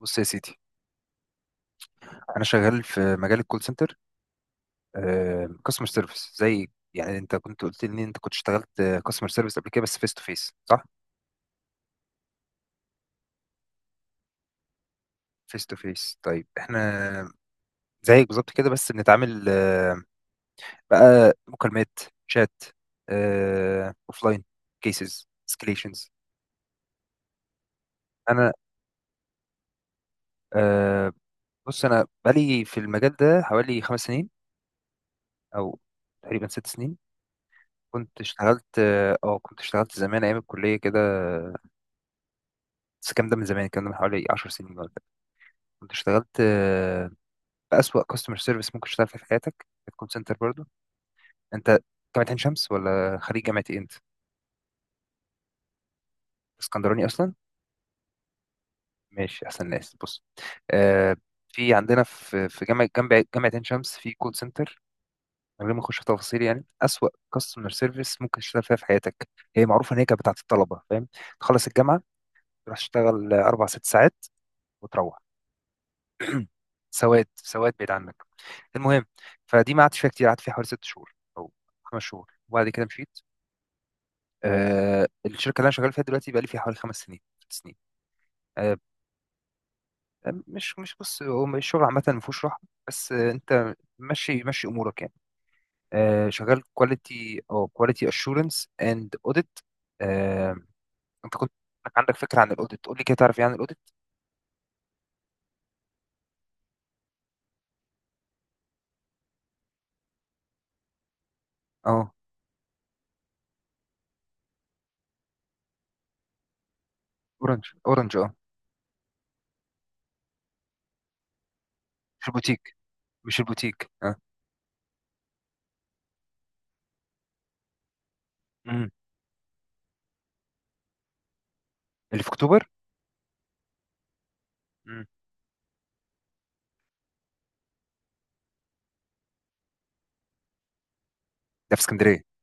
بص يا سيدي، انا شغال في مجال الكول سنتر، كاستمر سيرفيس زي يعني. انت كنت قلت لي ان انت كنت اشتغلت كاستمر سيرفيس قبل كده بس فيس تو فيس، صح؟ فيس تو فيس. طيب احنا زيك بالظبط كده، بس بنتعامل بقى مكالمات، شات، اوفلاين، كيسز، اسكليشنز. انا آه، بص، انا بقالي في المجال ده حوالي خمس سنين او تقريبا ست سنين. كنت اشتغلت كنت اشتغلت زمان ايام الكليه كده، بس الكلام ده من زمان، الكلام ده من حوالي 10 سنين ولا حاجة. كنت اشتغلت بأسوأ كاستمر سيرفيس ممكن تشتغل فيه في حياتك في كول سنتر برضه. انت جامعة عين شمس ولا خريج جامعة ايه انت؟ اسكندراني اصلا؟ ماشي، احسن ناس. بص، آه، في عندنا في جامعة جنب جامعة عين شمس في كول سنتر، من غير ما اخش في تفاصيل، يعني أسوأ كاستمر سيرفيس ممكن تشتغل فيها في حياتك. هي معروفة ان هي كانت بتاعت الطلبة، فاهم؟ تخلص الجامعة، تروح تشتغل اربع ست ساعات وتروح. سواد سواد بعيد عنك. المهم، فدي ما قعدتش فيها كتير، قعدت فيها حوالي ست شهور او خمس شهور وبعد كده مشيت. آه، الشركه اللي انا شغال فيها دلوقتي بقى لي فيها حوالي خمس سنين ست سنين. آه. مش بص، هو الشغل عامه ما فيهوش راحه، بس آه، انت ماشي ماشي امورك يعني. آه، شغال كواليتي او كواليتي اشورنس اند اوديت. انت كنت عندك فكره عن الاوديت؟ قول لي كده تعرف ايه عن الاوديت. اه. اورنج، اورنج، اه. مش البوتيك. مش البوتيك، اه. امم. اللي في اكتوبر. امم. ده في اسكندريه.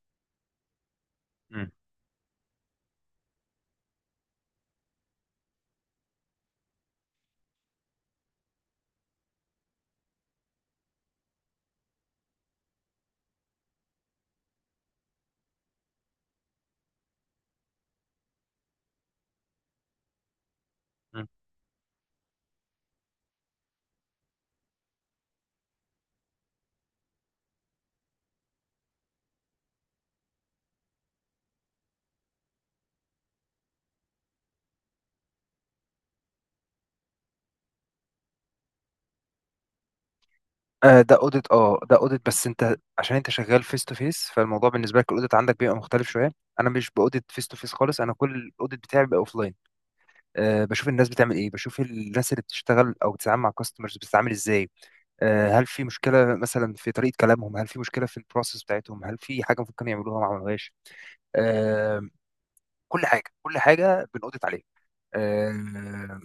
مم. ده اوديت، اه، ده اوديت، بس انت عشان انت شغال فيس تو فيس، فالموضوع بالنسبه لك الاوديت عندك بيبقى مختلف شويه. انا مش باوديت فيس تو فيس خالص، انا كل الاوديت بتاعي بيبقى اوف لاين. أه، بشوف الناس بتعمل ايه، بشوف الناس اللي بتشتغل او بتتعامل مع كاستمرز بتتعامل ازاي. أه، هل في مشكله مثلا في طريقه كلامهم، هل في مشكله في البروسيس بتاعتهم، هل في حاجه ممكن يعملوها ما عملوهاش. أه. كل حاجه بنأوديت عليها. أه.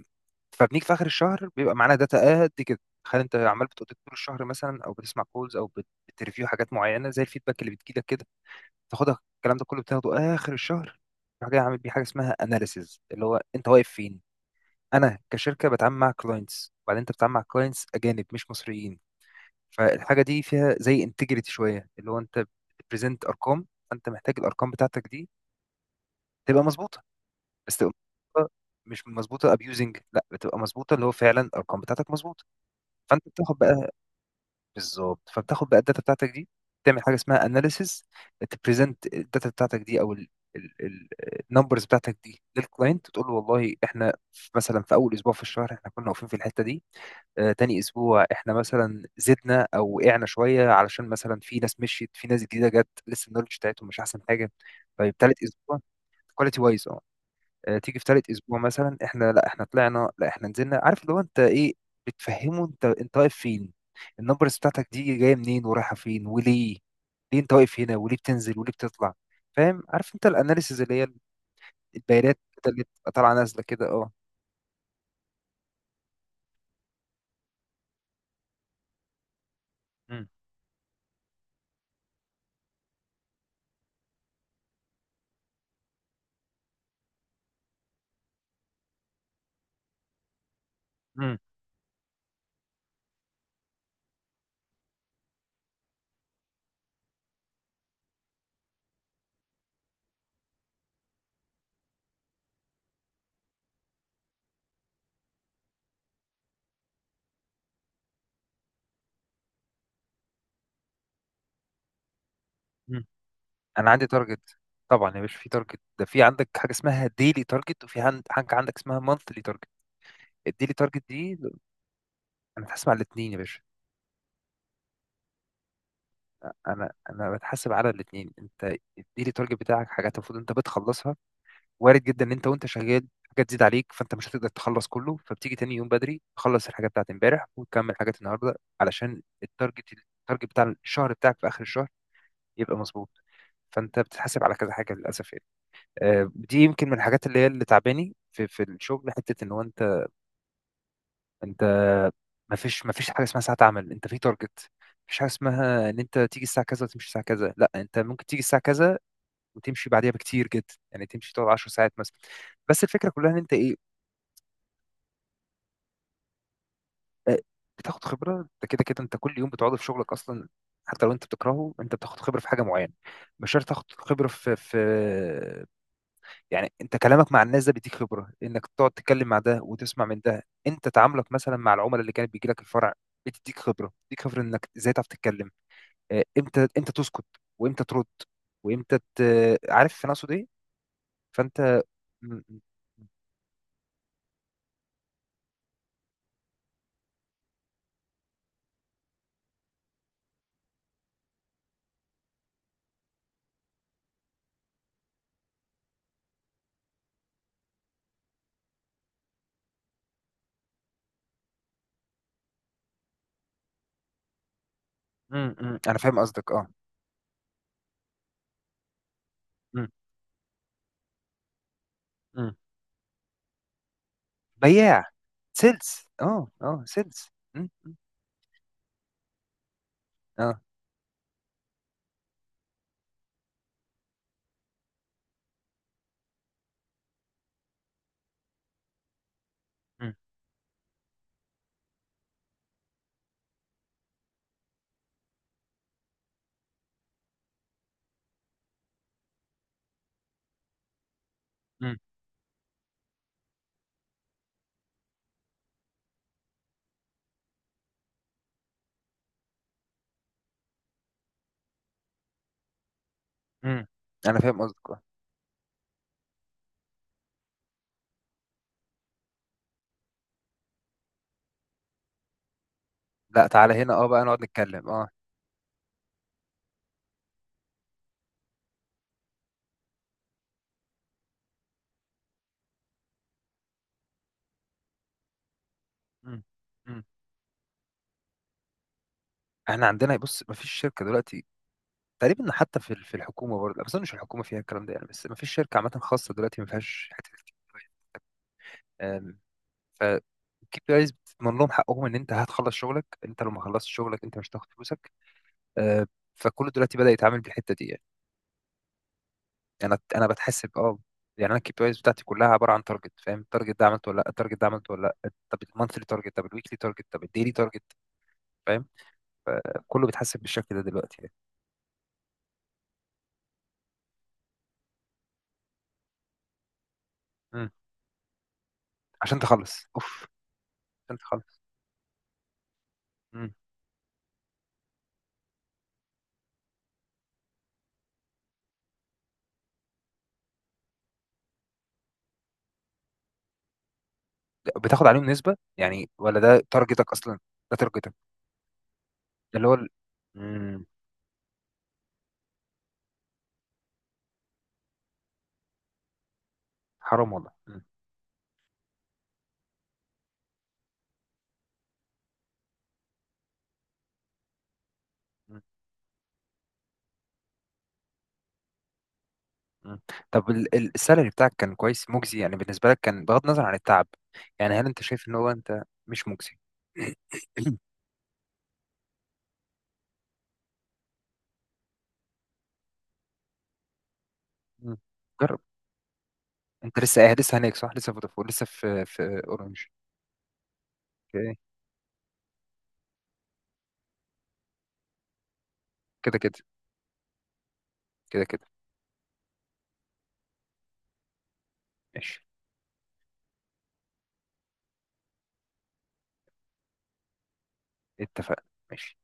فبنيجي في اخر الشهر بيبقى معانا داتا قد كده. تخيل انت عمال بتقضي طول الشهر مثلا، او بتسمع كولز، او بتريفيو حاجات معينه زي الفيدباك اللي بتجيلك كده، تاخدها. الكلام ده كله بتاخده اخر الشهر، تروح جاي عامل بيه حاجه اسمها اناليسيز، اللي هو انت واقف فين. انا كشركه بتعامل مع كلاينتس، وبعدين انت بتتعامل مع كلاينتس اجانب مش مصريين، فالحاجه دي فيها زي انتجريتي شويه، اللي هو انت بتبريزنت ارقام. فانت محتاج الارقام بتاعتك دي تبقى مظبوطه، بس تبقى مظبوطة. مش مظبوطه ابيوزنج، لا، بتبقى مظبوطه، اللي هو فعلا الارقام بتاعتك مظبوطه. فانت بتاخد بقى، بالظبط، فبتاخد بقى الداتا بتاعتك دي، تعمل حاجه اسمها اناليسيز، تبريزنت الداتا بتاعتك دي او النمبرز بتاعتك دي للكلاينت. تقول له والله احنا مثلا في اول اسبوع في الشهر احنا كنا واقفين في الحته دي. آه، تاني اسبوع احنا مثلا زدنا او وقعنا شويه، علشان مثلا في ناس مشيت في ناس جديده جت، لسه النولج بتاعتهم مش احسن حاجه. طيب تالت اسبوع، كواليتي وايز، تيجي في ثالث اسبوع مثلا، احنا لا احنا طلعنا لا احنا نزلنا. عارف اللي هو انت ايه بتفهمه، انت انت واقف فين، النمبرز بتاعتك دي جايه منين ورايحه فين وليه. ليه انت واقف هنا، وليه بتنزل وليه بتطلع. فاهم؟ عارف انت الاناليسيز، اللي هي البيانات اللي بتبقى طالعه نازله كده، اه. مم. مم. مم. انا عندي تارجت. طبعا يا باشا في تارجت، ده في عندك حاجه اسمها ديلي تارجت، وفي حاجه عندك اسمها مانثلي تارجت. الديلي تارجت دي، انا هسمع الاثنين يا باشا. انا بتحاسب على الاثنين. انت اديلي التارجت بتاعك حاجات المفروض انت بتخلصها، وارد جدا ان انت وانت شغال حاجات تزيد عليك، فانت مش هتقدر تخلص كله، فبتيجي تاني يوم بدري تخلص الحاجات بتاعت امبارح وتكمل حاجات النهارده علشان التارجت، التارجت بتاع الشهر بتاعك في اخر الشهر يبقى مظبوط. فانت بتتحاسب على كذا حاجه للاسف يعني. دي يمكن من الحاجات اللي هي اللي تعباني في في الشغل، حته ان هو انت. انت ما فيش حاجه اسمها ساعه عمل، انت في تارجت. مفيش حاجه اسمها ان انت تيجي الساعه كذا وتمشي الساعه كذا، لا، انت ممكن تيجي الساعه كذا وتمشي بعديها بكتير جدا، يعني تمشي تقعد 10 ساعات مثلا. بس الفكره كلها ان انت ايه؟ آه، بتاخد خبره. انت كده كده انت كل يوم بتقعد في شغلك اصلا، حتى لو انت بتكرهه انت بتاخد خبره في حاجه معينه. مش شرط تاخد خبره في يعني. انت كلامك مع الناس ده بيديك خبره، انك تقعد تتكلم مع ده وتسمع من ده. انت تعاملك مثلا مع العملاء اللي كانت بيجي لك الفرع بتديك خبره، بتديك خبره انك ازاي تعرف تتكلم، امتى تسكت، وامتى ترد، وامتى ت... عارف انا اقصد ايه. فانت م- امم انا فاهم قصدك، اه. امم امم. بياع، سيلز، اه، اه، سيلز. امم، اه. امم امم. امم انا فاهم قصدك، اه. لا، تعالى هنا، اه، بقى نقعد نتكلم، اه. امم امم. احنا عندنا، بص، ما فيش شركه دلوقتي تقريبا، حتى في في الحكومه برضه، لا، بس انا مش الحكومه فيها الكلام ده يعني، بس ما فيش شركه عامه خاصه دلوقتي ما فيهاش حته آم، ف كيب بيز بتضمن لهم حقهم ان انت هتخلص شغلك، انت لو ما خلصت شغلك انت مش هتاخد فلوسك. آه، فكله دلوقتي بدأ يتعامل بالحته دي يعني. انا بتحسب، اه. يعني انا الكي بي ايز بتاعتي كلها عباره عن تارجت، فاهم؟ التارجت ده عملته ولا لا، التارجت ده عملته ولا لا، طب المانثلي تارجت، طب الويكلي تارجت، طب الديلي تارجت. فاهم؟ كله بيتحسب بالشكل ده دلوقتي يعني. مم. عشان تخلص اوف، عشان تخلص. مم. بتاخد عليهم نسبه يعني ولا ده تارجتك اصلا؟ ده تارجتك، ده اللي هو ال... مم. حرام والله. مم. مم. مم. طب السالري بتاعك كان كويس مجزي يعني بالنسبه لك، كان بغض النظر عن التعب. يعني هل انت شايف ان هو انت مش مجزي؟ مم. جرب. انت لسه قاعد لسه هناك صح، لسه فودافون لسه في في اورنج. اوكي. كده كده، كده كده. ماشي. اتفقنا. ماشي.